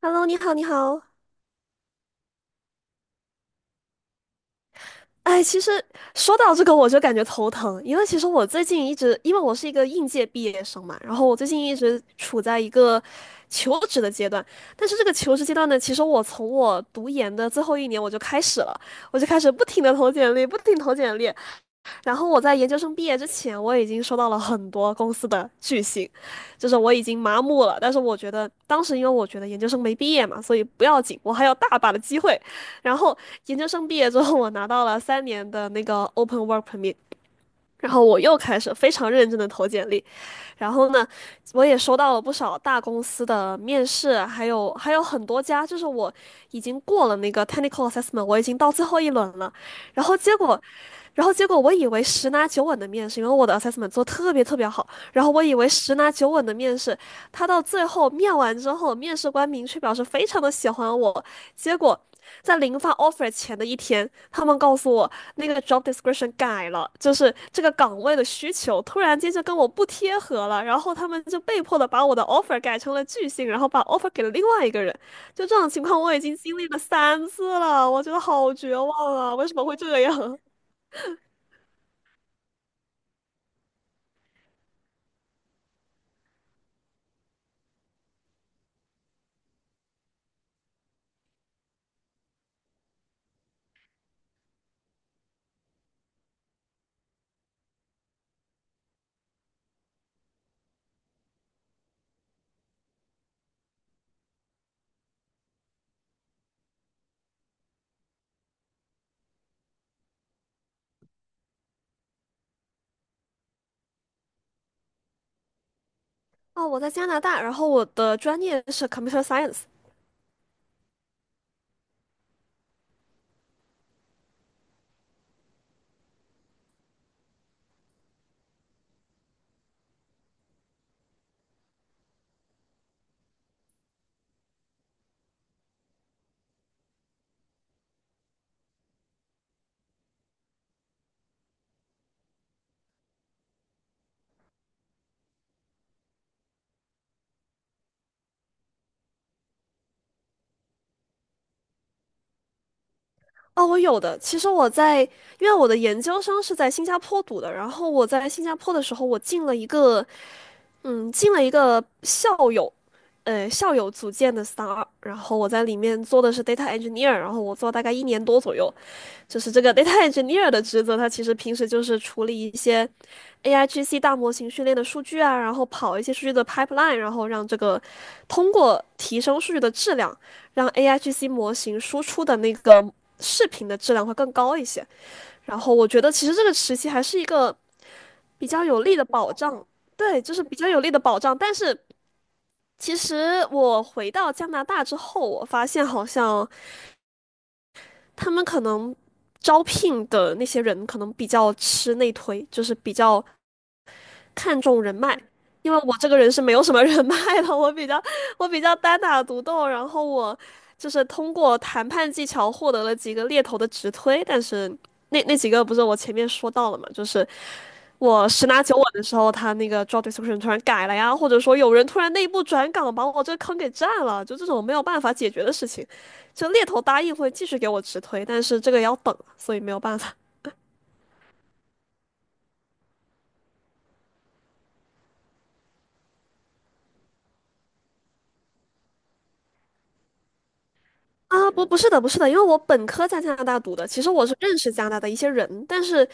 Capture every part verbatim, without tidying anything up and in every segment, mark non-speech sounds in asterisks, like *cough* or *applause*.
Hello，你好，你好。哎，其实说到这个，我就感觉头疼，因为其实我最近一直，因为我是一个应届毕业生嘛，然后我最近一直处在一个求职的阶段。但是这个求职阶段呢，其实我从我读研的最后一年我就开始了，我就开始不停的投简历，不停地投简历。然后我在研究生毕业之前，我已经收到了很多公司的拒信，就是我已经麻木了。但是我觉得当时因为我觉得研究生没毕业嘛，所以不要紧，我还有大把的机会。然后研究生毕业之后，我拿到了三年的那个 Open Work Permit，然后我又开始非常认真的投简历，然后呢，我也收到了不少大公司的面试，还有还有很多家，就是我已经过了那个 technical assessment，我已经到最后一轮了，然后结果，然后结果我以为十拿九稳的面试，因为我的 assessment 做得特别特别好，然后我以为十拿九稳的面试，他到最后面完之后，面试官明确表示非常的喜欢我，结果在零发 offer 前的一天，他们告诉我那个 job description 改了，就是这个岗位的需求突然间就跟我不贴合了，然后他们就被迫的把我的 offer 改成了拒信，然后把 offer 给了另外一个人。就这种情况，我已经经历了三次了，我觉得好绝望啊！为什么会这样？哦，我在加拿大，然后我的专业是 computer science。哦，我有的。其实我在，因为我的研究生是在新加坡读的，然后我在新加坡的时候，我进了一个嗯，进了一个校友，呃，校友组建的 star，然后我在里面做的是 data engineer，然后我做大概一年多左右，就是这个 *laughs* data engineer 的职责，它其实平时就是处理一些 A I G C 大模型训练的数据啊，然后跑一些数据的 pipeline，然后让这个通过提升数据的质量，让 A I G C 模型输出的那个视频的质量会更高一些。然后我觉得其实这个时期还是一个。比较有力的保障，对，就是比较有力的保障。但是其实我回到加拿大之后，我发现好像他们可能招聘的那些人可能比较吃内推，就是比较看重人脉。因为我这个人是没有什么人脉的，我比较我比较单打独斗，然后我就是通过谈判技巧获得了几个猎头的直推，但是那那几个不是我前面说到了嘛，就是我十拿九稳的时候，他那个 job description 突然改了呀，或者说有人突然内部转岗把我这坑给占了，就这种没有办法解决的事情，就猎头答应会继续给我直推，但是这个要等，所以没有办法。啊，不，不是的，不是的，因为我本科在加拿大读的，其实我是认识加拿大的一些人，但是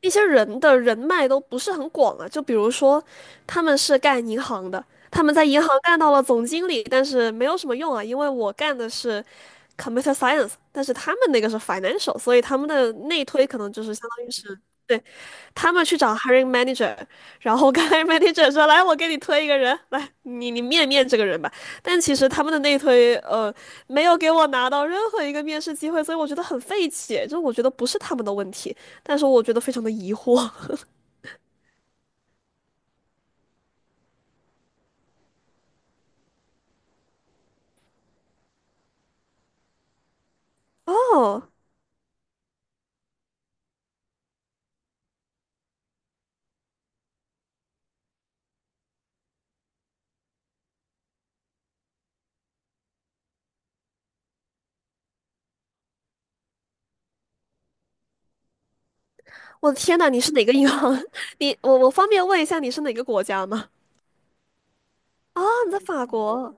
一些人的人脉都不是很广啊。就比如说，他们是干银行的，他们在银行干到了总经理，但是没有什么用啊，因为我干的是 computer science，但是他们那个是 financial，所以他们的内推可能就是相当于是。对。他们去找 hiring manager，然后跟 hiring manager 说：“来，我给你推一个人，来，你你面面这个人吧。”但其实他们的内推，呃，没有给我拿到任何一个面试机会，所以我觉得很费解。就我觉得不是他们的问题，但是我觉得非常的疑惑。*laughs* 哦，我的天呐，你是哪个银行？*laughs* 你我我方便问一下你是哪个国家吗？啊，你在法国。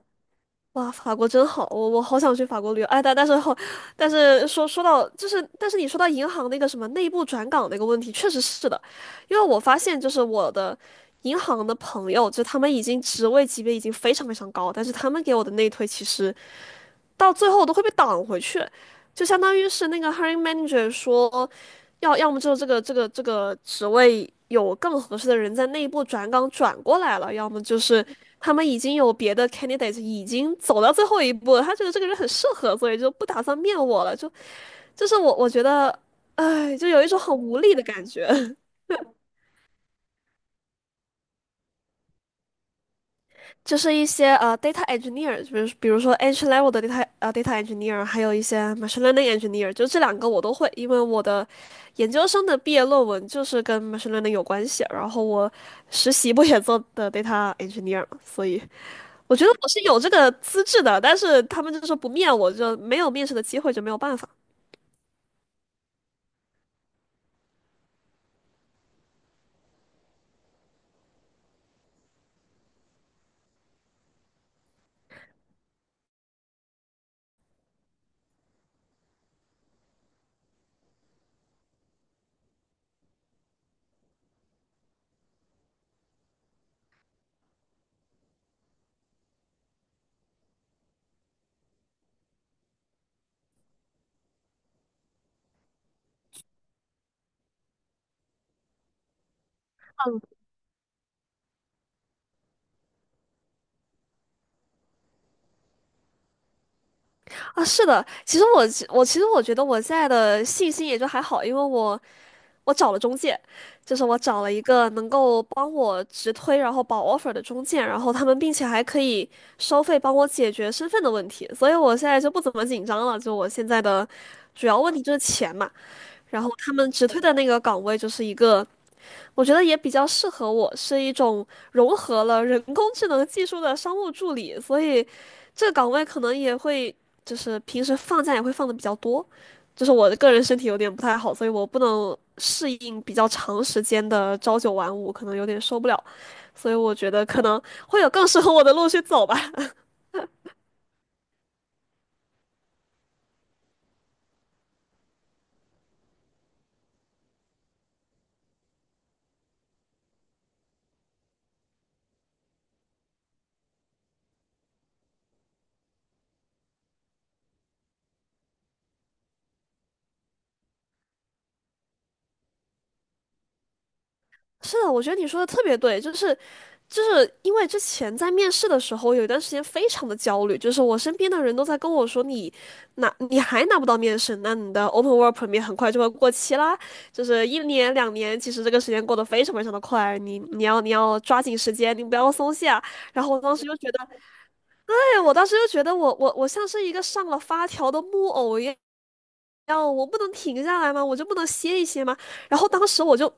哇，法国真好，我我好想去法国旅游。哎，但但是后，但是说说到就是，但是你说到银行那个什么内部转岗那个问题，确实是的，因为我发现就是我的银行的朋友，就他们已经职位级别已经非常非常高，但是他们给我的内推其实到最后我都会被挡回去，就相当于是那个 hiring manager 说，要要么就是这个这个这个职位有更合适的人在内部转岗转过来了，要么就是他们已经有别的 candidate 已经走到最后一步了，他觉得这个人很适合，所以就不打算面我了，就就是我我觉得，哎，就有一种很无力的感觉。*laughs* 就是一些呃 data engineer，比如比如说 entry level 的 data 呃 data engineer，还有一些 machine learning engineer，就这两个我都会，因为我的研究生的毕业论文就是跟 machine learning 有关系，然后我实习不也做的 data engineer，嘛所以我觉得我是有这个资质的，但是他们就说不面我，就没有面试的机会，就没有办法啊。是的，其实我我其实我觉得我现在的信心也就还好，因为我。我找了中介，就是我找了一个能够帮我直推，然后保 offer 的中介，然后他们并且还可以收费帮我解决身份的问题，所以我现在就不怎么紧张了。就我现在的主要问题就是钱嘛，然后他们直推的那个岗位就是一个我觉得也比较适合我，是一种融合了人工智能技术的商务助理，所以这个岗位可能也会就是平时放假也会放的比较多。就是我的个人身体有点不太好，所以我不能适应比较长时间的朝九晚五，可能有点受不了，所以我觉得可能会有更适合我的路去走吧。是的，我觉得你说的特别对，就是就是因为之前在面试的时候，有一段时间非常的焦虑，就是我身边的人都在跟我说你拿你还拿不到面试，那你的 open work permit 很快就会过期啦，就是一年两年，其实这个时间过得非常非常的快，你你要你要抓紧时间，你不要松懈啊。然后我当时就觉得。对，我当时就觉得我我我像是一个上了发条的木偶一样，要我不能停下来吗？我就不能歇一歇吗？然后当时我就，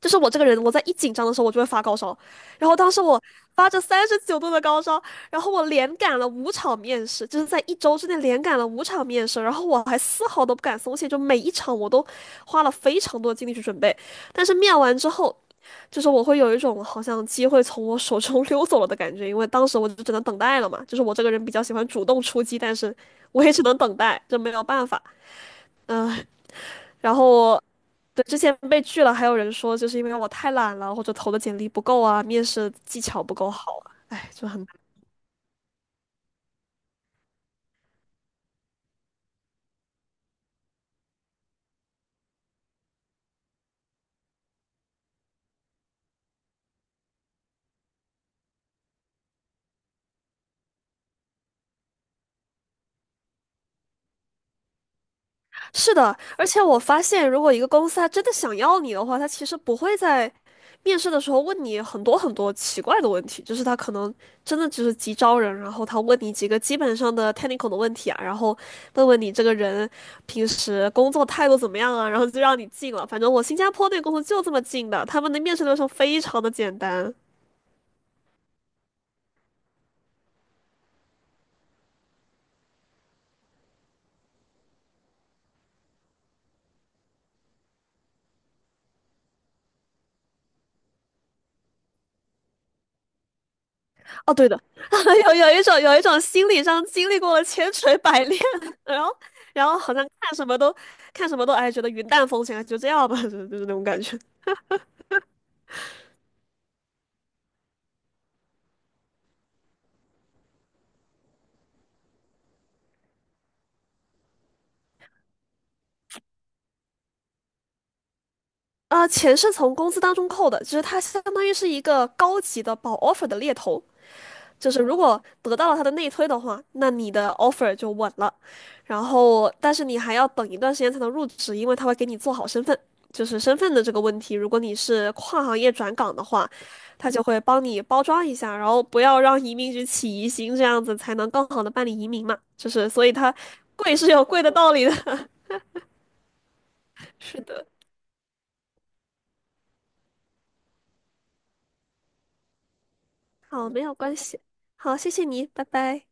就是我这个人，我在一紧张的时候我就会发高烧，然后当时我发着三十九度的高烧，然后我连赶了五场面试，就是在一周之内连赶了五场面试，然后我还丝毫都不敢松懈，就每一场我都花了非常多的精力去准备，但是面完之后。就是我会有一种好像机会从我手中 *laughs* 溜走了的感觉，因为当时我就只能等待了嘛。就是我这个人比较喜欢主动出击，但是我也只能等待，这没有办法。嗯，然后对之前被拒了，还有人说就是因为我太懒了，或者投的简历不够啊，面试技巧不够好啊，哎，就很是的，而且我发现，如果一个公司他真的想要你的话，他其实不会在面试的时候问你很多很多奇怪的问题，就是他可能真的只是急招人，然后他问你几个基本上的 technical 的问题啊，然后问问你这个人平时工作态度怎么样啊，然后就让你进了。反正我新加坡那个公司就这么进的，他们的面试流程非常的简单。哦，对的，*laughs* 有有一种有一种心理上经历过了千锤百炼，*laughs* 然后然后好像看什么都看什么都哎觉得云淡风轻，哎就这样吧，*laughs* 就就是那种感觉。啊、钱是从工资当中扣的，就是它相当于是一个高级的保 offer 的猎头，就是如果得到了他的内推的话，那你的 offer 就稳了。然后，但是你还要等一段时间才能入职，因为他会给你做好身份，就是身份的这个问题。如果你是跨行业转岗的话，他就会帮你包装一下，然后不要让移民局起疑心，这样子才能更好的办理移民嘛。就是，所以它贵是有贵的道理的。*laughs* 是的，好，没有关系。好，谢谢你，拜拜。